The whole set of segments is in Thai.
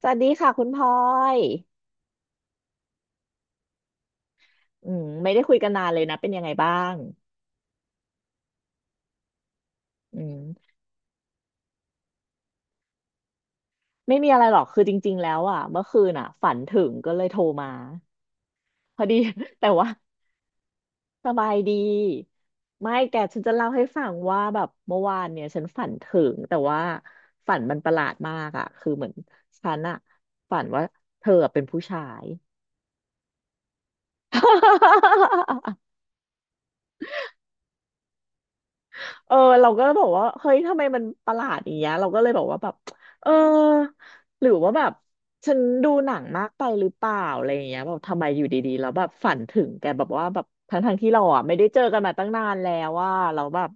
สวัสดีค่ะคุณพลอยไม่ได้คุยกันนานเลยนะเป็นยังไงบ้างอืมไม่มีอะไรหรอกคือจริงๆแล้วอ่ะเมื่อคืนอ่ะฝันถึงก็เลยโทรมาพอดี แต่ว่าสบายดีไม่แกฉันจะเล่าให้ฟังว่าแบบเมื่อวานเนี่ยฉันฝันถึงแต่ว่าฝันมันประหลาดมากอ่ะคือเหมือนฉันอ่ะฝันว่าเธอเป็นผู้ชาย เออเราก็บอกว่าเฮ้ยทำไมมันประหลาดอย่างเงี้ยเราก็เลยบอกว่าแบบเออหรือว่าแบบฉันดูหนังมากไปหรือเปล่าอะไรอย่างเงี้ยแบบทำไมอยู่ดีๆแล้วแบบฝันถึงแกแบบว่าแบบทั้งทงที่เราอ่ะไม่ได้เจอกันมาตั้งนานแล้วว่าเราแล้วแบบ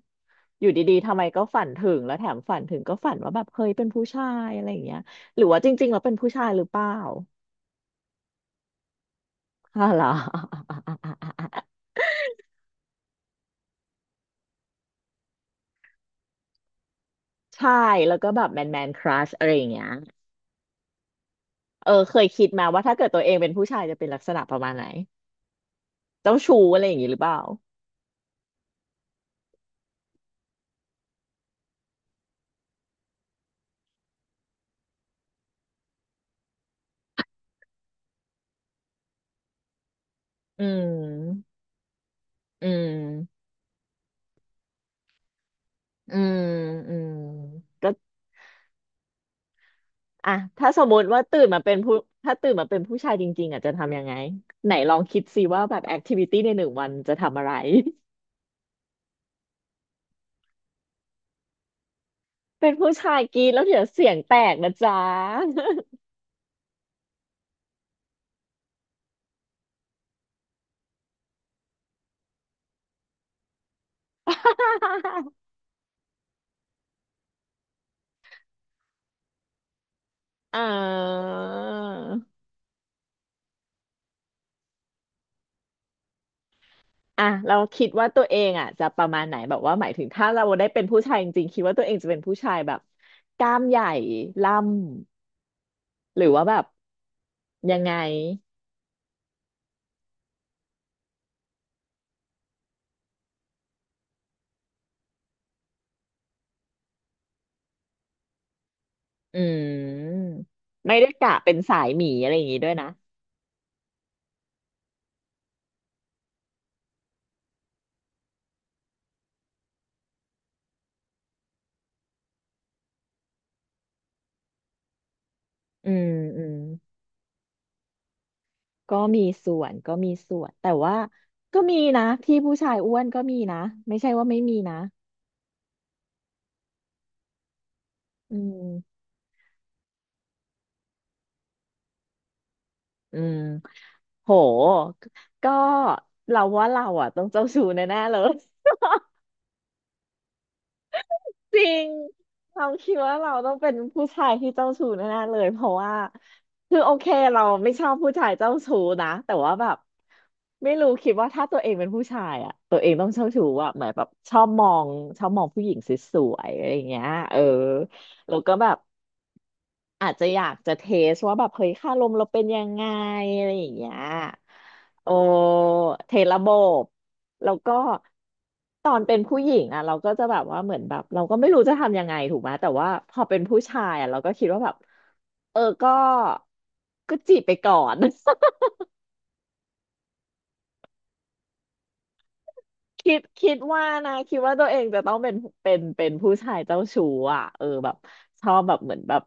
อยู่ดีๆทำไมก็ฝันถึงแล้วแถมฝันถึงก็ฝันว่าแบบเฮ้ยเป็นผู้ชายอะไรอย่างเงี้ยหรือว่าจริงๆเราเป็นผู้ชายหรือเปล่า อะไร ใช่แล้วก็แบบแมนแมนครัชอะไรอย่างเงี้ย เออเคยคิดมาว่าถ้าเกิดตัวเองเป็นผู้ชายจะเป็นลักษณะประมาณไหนเจ้าชู้อะไรอย่างนี้หรือเปล่าอืมอืมอืมอืมก็อ่ะถ้าสมมติว่าตื่นมาเป็นผู้ถ้าตื่นมาเป็นผู้ชายจริงๆอ่ะจะทำยังไงไหนลองคิดสิว่าแบบแอคทิวิตี้ในหนึ่งวันจะทำอะไร เป็นผู้ชายกินแล้วเดี๋ยวเสียงแตกนะจ๊ะ อ่า อ่ะเราคิดว่าตัวเองอ่ะจะประมาณไหนแบบว่าหมายถึงถ้าเราได้เป็นผู้ชายจริงๆคิดว่าตัวเองจะเป็นผู้ชายแบบกล้ามใหญ่ล่ำหรือว่าแบบยังไงอืมไม่ได้กะเป็นสายหมีอะไรอย่างงี้ด้วยนะอืมอืมก็มีส่วนแต่ว่าก็มีนะที่ผู้ชายอ้วนก็มีนะไม่ใช่ว่าไม่มีนะอืมอืมโหก็เราว่าเราอ่ะต้องเจ้าชู้แน่ๆเลย จริงเราคิดว่าเราต้องเป็นผู้ชายที่เจ้าชู้แน่ๆเลยเพราะว่าคือโอเคเราไม่ชอบผู้ชายเจ้าชู้นะแต่ว่าแบบไม่รู้คิดว่าถ้าตัวเองเป็นผู้ชายอะตัวเองต้องเจ้าชู้อะเหมือนแบบชอบมองผู้หญิงสวยๆอะไรอย่างเงี้ยเออแล้วก็แบบ อาจจะอยากจะเทสว่าแบบเฮ้ยค่าลมเราเป็นยังไงอะไรอย่างเงี้ยโอเทระบบแล้วก็ตอนเป็นผู้หญิงอ่ะเราก็จะแบบว่าเหมือนแบบเราก็ไม่รู้จะทำยังไงถูกไหมแต่ว่าพอเป็นผู้ชายอ่ะเราก็คิดว่าแบบเออก็จีบไปก่อน คิดว่านะคิดว่าตัวเองจะต้องเป็นเป็นผู้ชายเจ้าชู้อ่ะเออแบบชอบแบบเหมือนแบบ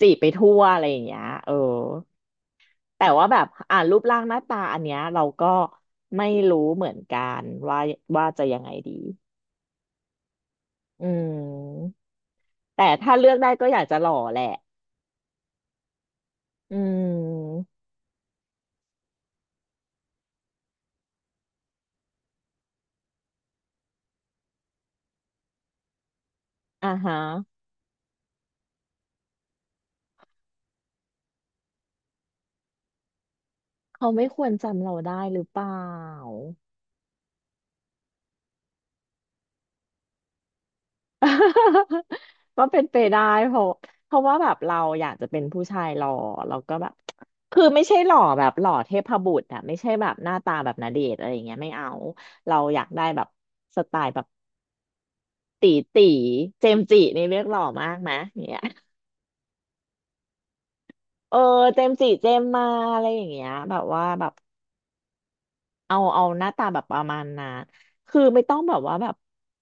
จีบไปทั่วอะไรอย่างเงี้ยเออ แต่ว่าแบบอ่ารูปร่างหน้าตาอันเนี้ยเราก็ไม่รู้เหมือนกันว่าว่าจะยังไงดีอืมแต่ถ้าเลือกได้ก็อยากจะหล่อแหละอืมอ่าฮะเขาไม่ควรจำเราได้หรือเปล่า ก็เป็นไปได้เพราะเพราะว่าแบบเราอยากจะเป็นผู้ชายหล่อเราก็แบบคือไม่ใช่หล่อแบบหล่อเทพบุตรอะไม่ใช่แบบหน้าตาแบบณเดชน์อะไรอย่างเงี้ยไม่เอาเราอยากได้แบบสไตล์แบบ ตีตีเจมส์จินี่เรียกหล่อมากไหมเนี่ยเออเจมส์จิเจมส์มาอะไรอย่างเงี้ยแบบว่าแบบเอาหน้าตาแบบประมาณนั้นคือไม่ต้องแบบว่าแบบ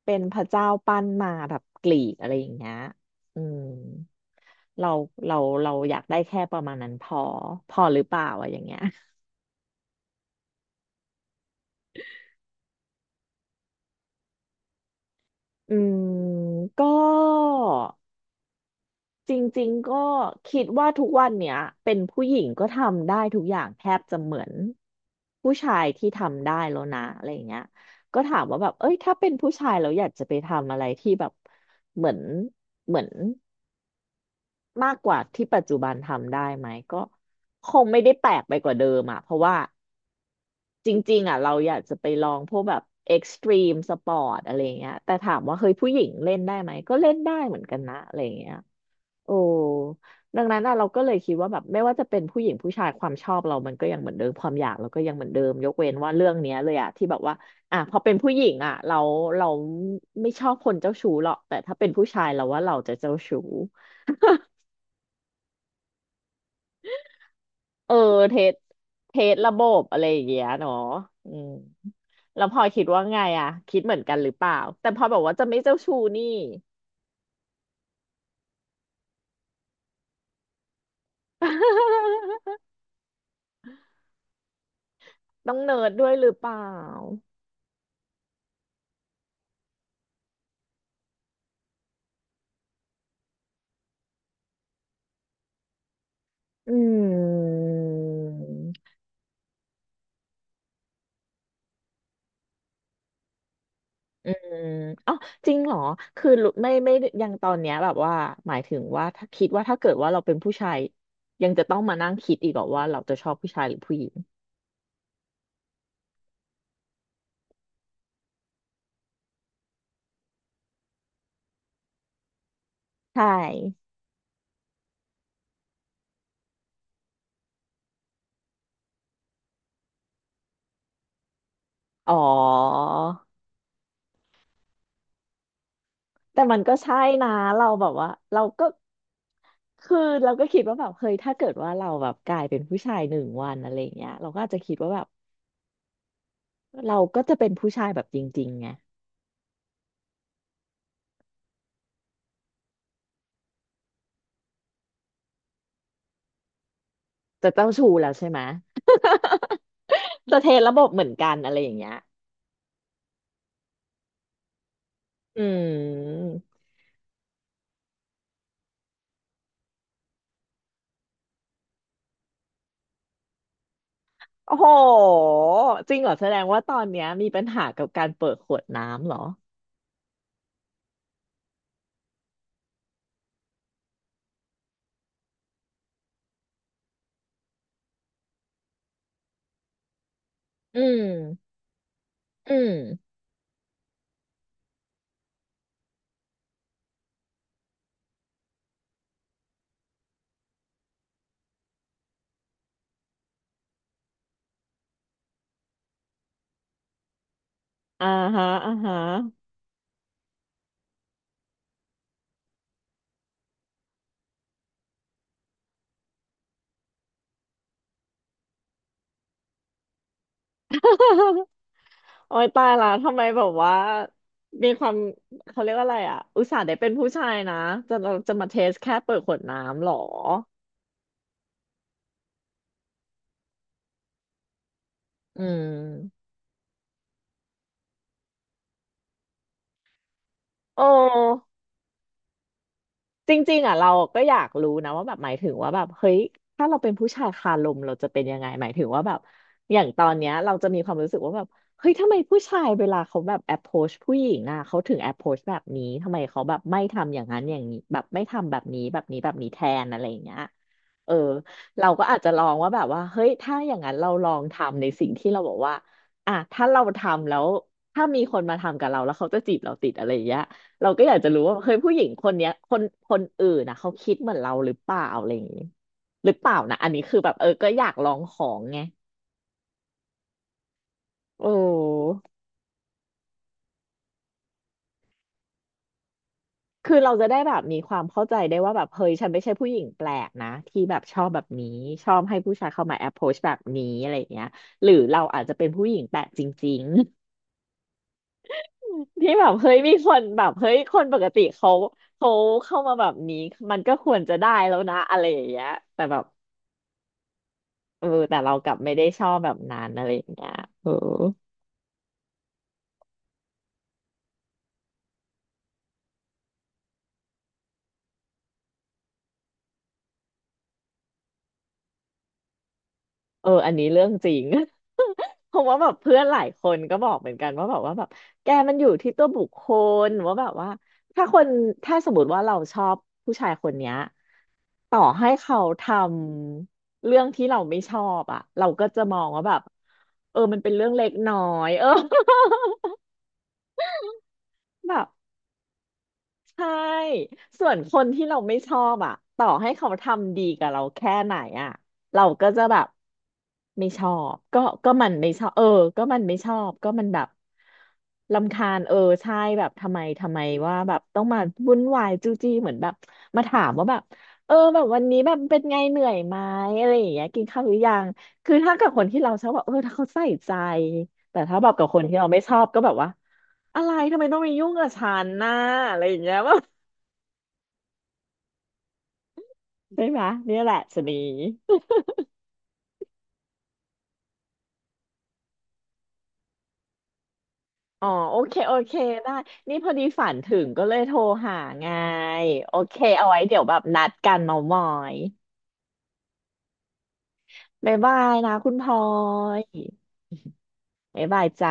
เป็นพระเจ้าปั้นมาแบบกรีกอะไรอย่างเงี้ยอืมเราเราเราอยากได้แค่ประมาณนั้นพอพอหรือเปล่าอะอย่างเงี้ยอืมก็ จริงๆก็คิดว่าทุกวันเนี้ยเป็นผู้หญิงก็ทำได้ทุกอย่างแทบจะเหมือนผู้ชายที่ทำได้แล้วนะอะไรอย่างเงี้ยก็ถามว่าแบบเอ้ยถ้าเป็นผู้ชายเราอยากจะไปทำอะไรที่แบบเหมือนเหมือนมากกว่าที่ปัจจุบันทำได้ไหมก็คงไม่ได้แปลกไปกว่าเดิมอ่ะเพราะว่าจริงๆอ่ะเราอยากจะไปลองพวกแบบเอ็กซ์ตรีมสปอร์ตอะไรอย่างเงี้ยแต่ถามว่าเฮ้ยผู้หญิงเล่นได้ไหมก็เล่นได้เหมือนกันนะอะไรอย่างเงี้ย โอ้ดังนั้นอะเราก็เลยคิดว่าแบบไม่ว่าจะเป็นผู้หญิงผู้ชายความชอบเรามันก็ยังเหมือนเดิมความอยากเราก็ยังเหมือนเดิมยกเว้นว่าเรื่องเนี้ยเลยอะที่แบบว่าอ่ะพอเป็นผู้หญิงอะเราไม่ชอบคนเจ้าชู้หรอกแต่ถ้าเป็นผู้ชายเราว่าเราจะเจ้าชู้เออเทสเทสระบบอะไรอย่างเงี้ยเนาะอืมแล้วพลอยคิดว่าไงอะคิดเหมือนกันหรือเปล่าแต่พลอยบอกว่าจะไม่เจ้าชู้นี่ ต้องเนิร์ดด้วยหรือเปล่าอืม อืมอ๋อจริงเหรอคือรู้ไม่ยังตอนเนี้ยแบบว่าหมายถึงว่าถ้าคิดว่าถ้าเกิดว่าเราเป็นผู้ชายยังจะต้องมานั่งคิดอีกเหรอว่าเราจะชอบผู้ชายหรือผู้หญิงใช่อ๋อแต่มันก็ใช่นะเราแบบว่าเราก็คือเราก็คิดว่าแบบเฮ้ยถ้าเกิดว่าเราแบบกลายเป็นผู้ชายหนึ่งวันอะไรอย่างเงี้ยเราก็อาจจะคิดว่าแบบเราก็จะเป็นผู้ชายแบบจริงๆไงจะเจ้าชู้แล้วใช่ไหมะจะเทระบบเหมือนกันอะไรอย่างเงี้ยอืม โอ้โหจริงเหรอแสดงว่าตอนเนี้ยมีปัญหากับการเปิดขวดน้ำเหรออืมอืมอ่าฮะอ่าฮะ โอ้ยตายละทำไมแบบว่ามีความเขาเรียกว่าอะไรอ่ะอุตส่าห์ได้เป็นผู้ชายนะจะจะมาเทสแค่เปิดขวดน้ำเหรออืมโอ้ จริงๆอ่ะเราก็อยากรู้นะว่าแบบหมายถึงว่าแบบเฮ้ยถ้าเราเป็นผู้ชายคาลมเราจะเป็นยังไงหมายถึงว่าแบบอย่างตอนเนี้ยเราจะมีความรู้สึกว่าแบบเฮ้ยทำไมผู้ชายเวลาเขาแบบ approach ผู้หญิงอ่ะเขาถึง approach แบบนี้ทำไมเขาแบบไม่ทำอย่างนั้นอย่างนี้แบบไม่ทำแบบนี้แบบนี้แบบนี้แทนอะไรอย่างเงี้ยเออเราก็อาจจะลองว่าแบบว่าเฮ้ยถ้าอย่างนั้นเราลองทำในสิ่งที่เราบอกว่าอ่ะถ้าเราทำแล้วถ้ามีคนมาทำกับเราแล้วเขาจะจีบเราติดอะไรอย่างเงี้ย เราก็อยากจะรู้ว่าเฮ้ยผู้หญิงคนเนี้ยคนอื่นนะเขาคิดเหมือนเราหรือเปล่าอะไรอย่างนี้หรือเปล่านะอันนี้คือแบบเออก็อยากลองของไงโอ้คือเราจะได้แบบมีความเข้าใจได้ว่าแบบเฮ้ยฉันไม่ใช่ผู้หญิงแปลกนะที่แบบชอบแบบนี้ชอบให้ผู้ชายเข้ามา approach แบบนี้อะไรอย่างเงี้ยหรือเราอาจจะเป็นผู้หญิงแปลกจริงๆ ที่แบบเฮ้ยมีคนแบบเฮ้ยคนปกติเขาเข้ามาแบบนี้มันก็ควรจะได้แล้วนะอะไรอย่างเงี้ยแต่แบบ เออแต่เรากลับไม่ได้ชอบแบบนั้นอะไรอย่างเงี้ยเออเอออันนี้เรื่องจริง เพราะว่าแบบเพื่อนหลายคนก็บอกเหมือนกันว่าแบบว่าแบบแกมันอยู่ที่ตัวบุคคลว่าแบบว่าถ้าคนถ้าสมมติว่าเราชอบผู้ชายคนเนี้ยต่อให้เขาทำเรื่องที่เราไม่ชอบอ่ะเราก็จะมองว่าแบบเออมันเป็นเรื่องเล็กน้อย เออ แบบ ใช่ส่วนคนที่เราไม่ชอบอ่ะต่อให้เขาทำดีกับเราแค่ไหนอ่ะเราก็จะแบบไม่ชอบก็มันไม่ชอบเออก็มันไม่ชอบก็มันแบบรำคาญเออใช่แบบทำไมว่าแบบต้องมาวุ่นวายจู้จี้เหมือนแบบมาถามว่าแบบเออแบบวันนี้แบบเป็นไงเหนื่อยไหมอะไรอย่างเงี้ยกินข้าวหรือยังคือถ้ากับคนที่เราชอบแบบเออถ้าเขาใส่ใจแต่ถ้าแบบกับคนที่เราไม่ชอบก็แบบว่าอะไรทำไมต้องมายุ่งกับฉันน่ะอะไรอย่างเงี้ย ว่า ใช่ไหมเนี่ยแหละชะนีอ๋อโอเคได้นี่พอดีฝันถึงก็เลยโทรหาไงโอเคเอาไว้เดี๋ยวแบบนัดกันเมามอยบ๊ายบายนะคุณพลอยบ๊ายบายจ้า